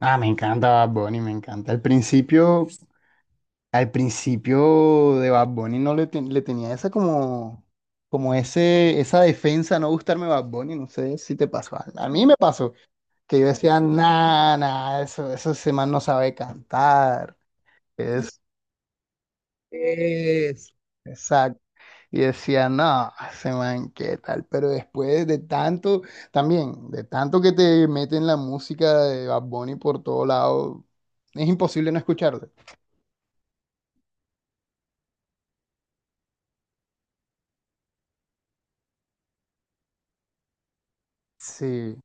Ah, me encanta Bad Bunny, me encanta. Al principio de Bad Bunny no le, ten- le tenía esa como, esa defensa, no gustarme Bad Bunny, no sé si te pasó. A mí me pasó, que yo decía, nah, nah, eso ese man no sabe cantar, es. Es, exacto. Y decía, no, ese man, ¿qué tal? Pero después de tanto, también, de tanto que te meten la música de Bad Bunny por todo lado, es imposible no escucharla. Sí,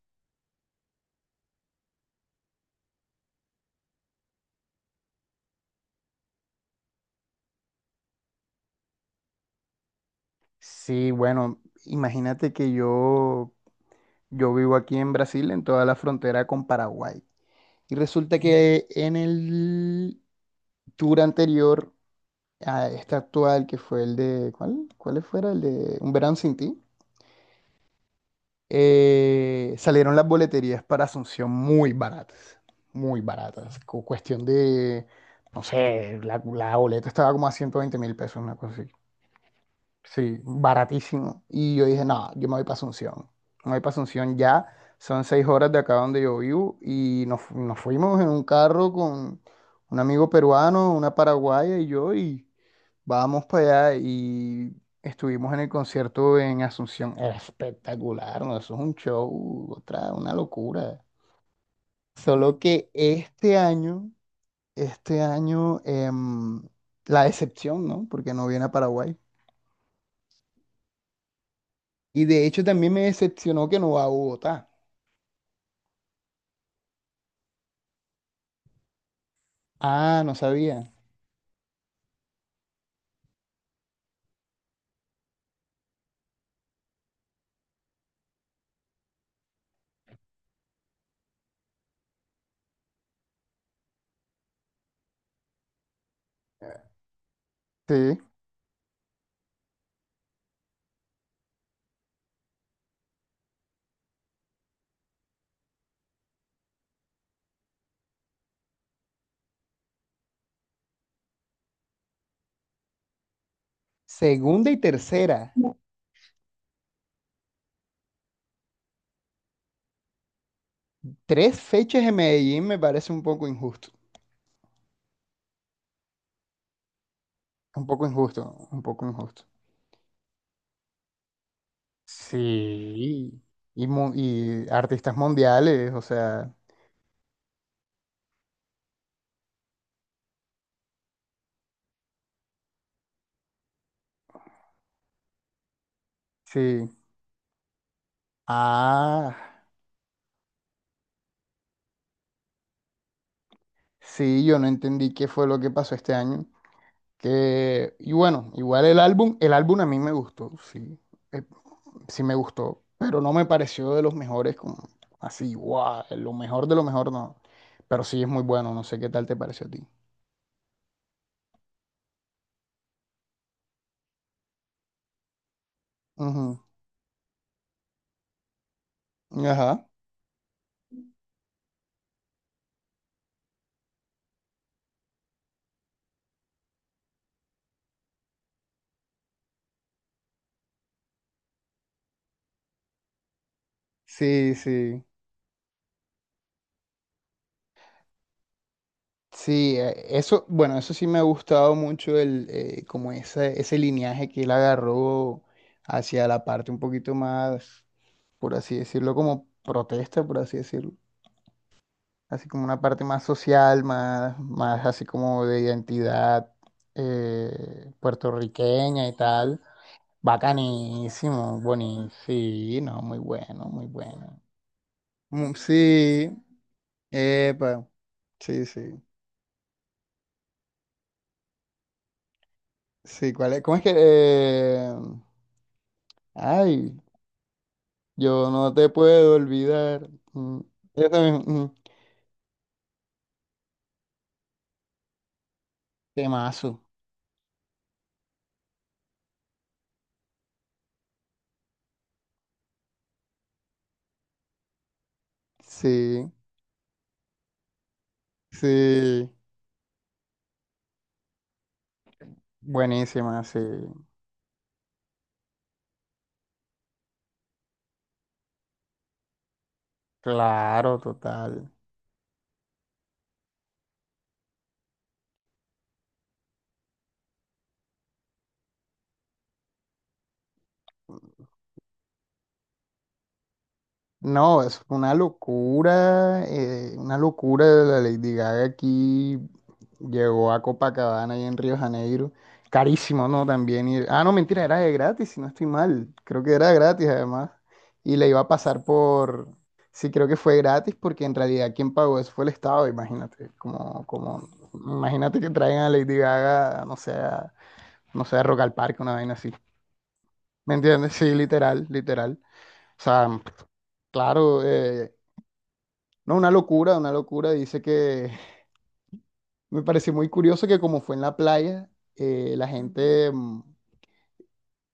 sí, bueno, yo vivo aquí en Brasil, en toda la frontera con Paraguay. Y resulta que en el tour anterior a este actual, que fue el de, ¿cuál? ¿Cuál fuera? El de Un verano sin ti. Salieron las boleterías para Asunción muy baratas, muy baratas. Cuestión de, no sé, la boleta estaba como a 120 mil pesos, una cosa así. Sí, baratísimo. Y yo dije, no, yo me voy para Asunción. Me voy para Asunción ya. Son seis horas de acá donde yo vivo y nos fuimos en un carro con un amigo peruano, una paraguaya y yo y... Vamos para allá y estuvimos en el concierto en Asunción. Era espectacular, ¿no? Eso es un show, otra, una locura. Solo que este año, este año, em, la decepción, ¿no? Porque no viene a Paraguay. Y de hecho también me decepcionó que no va a Bogotá. Ah, no sabía. Sí. Segunda y tercera. Tres fechas en Medellín me parece un poco injusto. Un poco injusto, un poco injusto. Sí, y, y artistas mundiales, o sea, sí. Ah, sí, yo no entendí qué fue lo que pasó este año. Que, y bueno, igual el álbum a mí me gustó, sí, eh, sí me gustó, pero no me pareció de los mejores, como así, guau, lo mejor de lo mejor no. Pero sí es muy bueno, no sé qué tal te pareció a ti. Ujú, ajá, sí, sí. Sí, eso, bueno, eso sí me ha gustado mucho como ese lineaje que él agarró hacia la parte un poquito más, por así decirlo, como protesta, por así decirlo, así como una parte más social, más así como de identidad puertorriqueña y tal. Bacanísimo, bonito, sí, no, muy bueno, muy bueno. Mm, sí, epa, sí, sí, sí, ¿cuál es? ¿Cómo es que...? Ay, yo no te puedo olvidar. Mm, esa misma, mm, temazo. Sí, sí. Buenísima, sí. Claro, total. No, es una locura de la Lady Gaga aquí. Llegó a Copacabana y en Río de Janeiro. Carísimo, ¿no? Ah, no, mentira, era de gratis, si no estoy mal. Creo que era gratis además. Y le iba a pasar por... Sí, creo que fue gratis porque en realidad quien pagó eso fue el Estado, imagínate. Como, como... Imagínate que traigan a Lady Gaga, no sé, no sé, a Rock al Parque, una vaina así. ¿Me entiendes? Sí, literal, literal. O sea, claro, no, una locura, una locura. Dice que me pareció muy curioso que como fue en la playa, la gente... mm,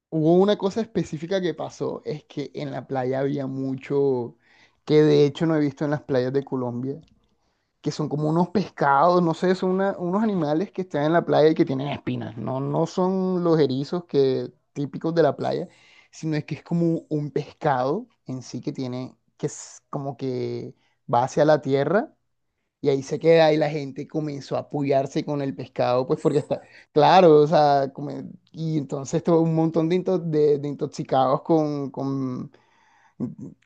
hubo una cosa específica que pasó, es que en la playa había mucho, que de hecho no he visto en las playas de Colombia, que son como unos pescados, no sé, son unos animales que están en la playa y que tienen espinas. No, no son los erizos que, típicos de la playa, sino es que es como un pescado en sí que tiene, que es como que va hacia la tierra. Y ahí se queda y la gente comenzó a apoyarse con el pescado, pues porque está, claro, o sea, y entonces tuvo un montón de, de intoxicados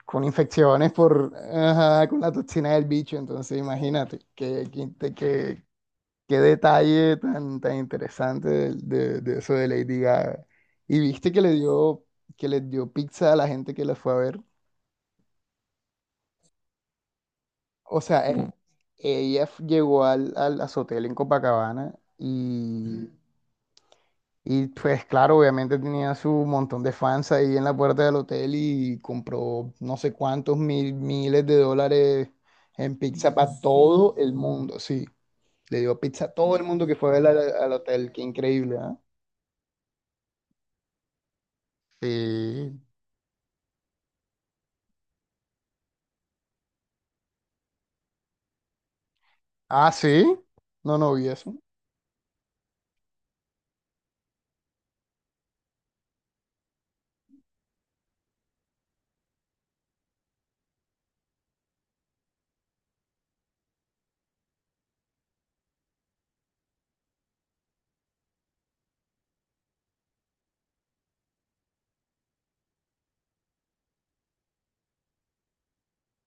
con infecciones por, ajá, con la toxina del bicho, entonces imagínate, qué detalle tan, tan interesante de, de eso de Lady Gaga. Y viste que le dio pizza a la gente que la fue a ver. O sea, llegó a su hotel en Copacabana y pues claro, obviamente tenía su montón de fans ahí en la puerta del hotel y compró no sé cuántos mil, miles de dólares en pizza para todo el mundo, sí. Le dio pizza a todo el mundo que fue a ver al hotel, qué increíble, ¿ah? Sí. Ah, sí. No, no vi eso.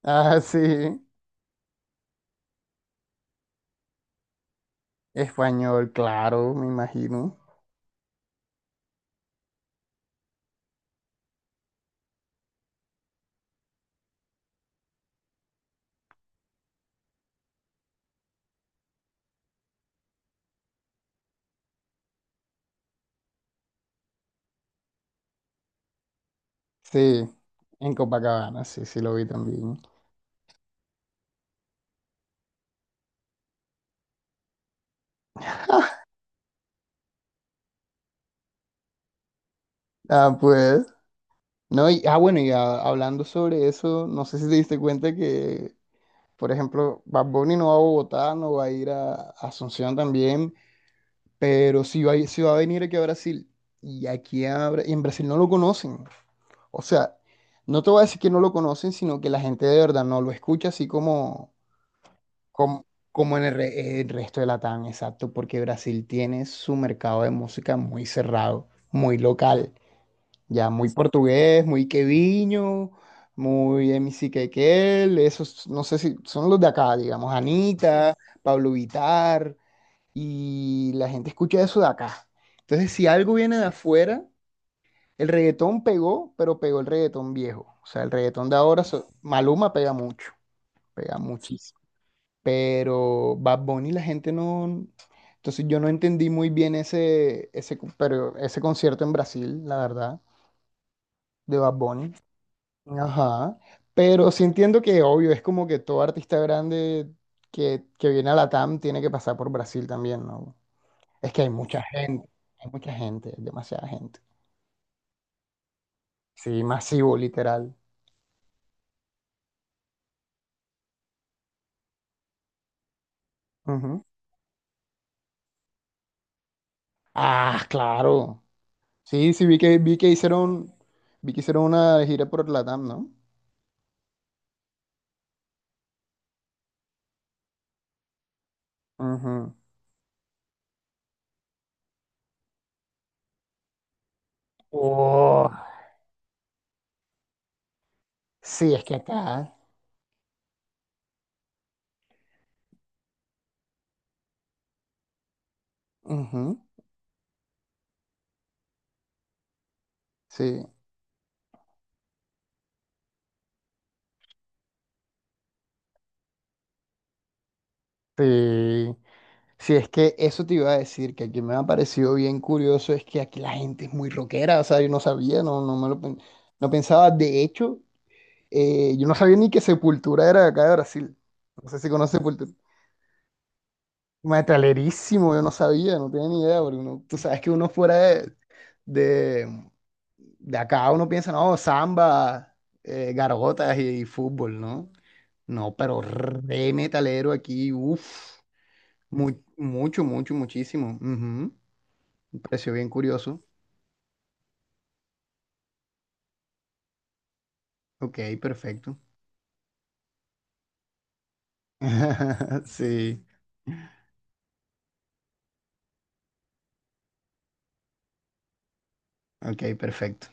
Ah, sí. Español, claro, me imagino. Sí, en Copacabana, sí, sí lo vi también. Ah, pues. No, y, ah, bueno, y ah, hablando sobre eso, no sé si te diste cuenta que, por ejemplo, Bad Bunny no va a Bogotá, no va a ir a Asunción también, pero sí va, sí va a venir aquí a Brasil. Y aquí a en Brasil no lo conocen. O sea, no te voy a decir que no lo conocen, sino que la gente de verdad no lo escucha así como, como, como en el, el resto de Latam, exacto, porque Brasil tiene su mercado de música muy cerrado, muy local. Ya muy portugués, muy queviño, muy MC Quequel, esos, no sé si son los de acá, digamos, Anita, Pablo Vitar, y la gente escucha eso de acá. Entonces, si algo viene de afuera, el reggaetón pegó, pero pegó el reggaetón viejo. O sea, el reggaetón de ahora, Maluma pega mucho, pega muchísimo. Pero Bad Bunny la gente no... Entonces yo no entendí muy bien pero ese concierto en Brasil, la verdad, de Bad Bunny. Ajá, pero sí entiendo que obvio, es como que todo artista grande que viene a la TAM tiene que pasar por Brasil también, ¿no? Es que hay mucha gente, demasiada gente. Sí, masivo, literal. Ujú. Ah, claro. Sí, sí, vi que hicieron una gira por la TAM, ¿no? Ujú. Oh, sí, es que acá. Ujú, sí, sí. Si es que eso te iba a decir, que aquí me ha parecido bien curioso, es que aquí la gente es muy rockera, o sea, yo no sabía, no, no pensaba, de hecho, yo no sabía ni que Sepultura era de acá de Brasil, no sé si conoces Sepultura, metalerísimo, yo no sabía, no tenía ni idea, porque tú sabes que uno fuera de, de, de acá, uno piensa, no, samba, gargotas y fútbol, ¿no? No, pero re metalero aquí, uff, mucho, mucho, muchísimo. Ujú. Un precio bien curioso. Ok, perfecto. Sí, ok, perfecto.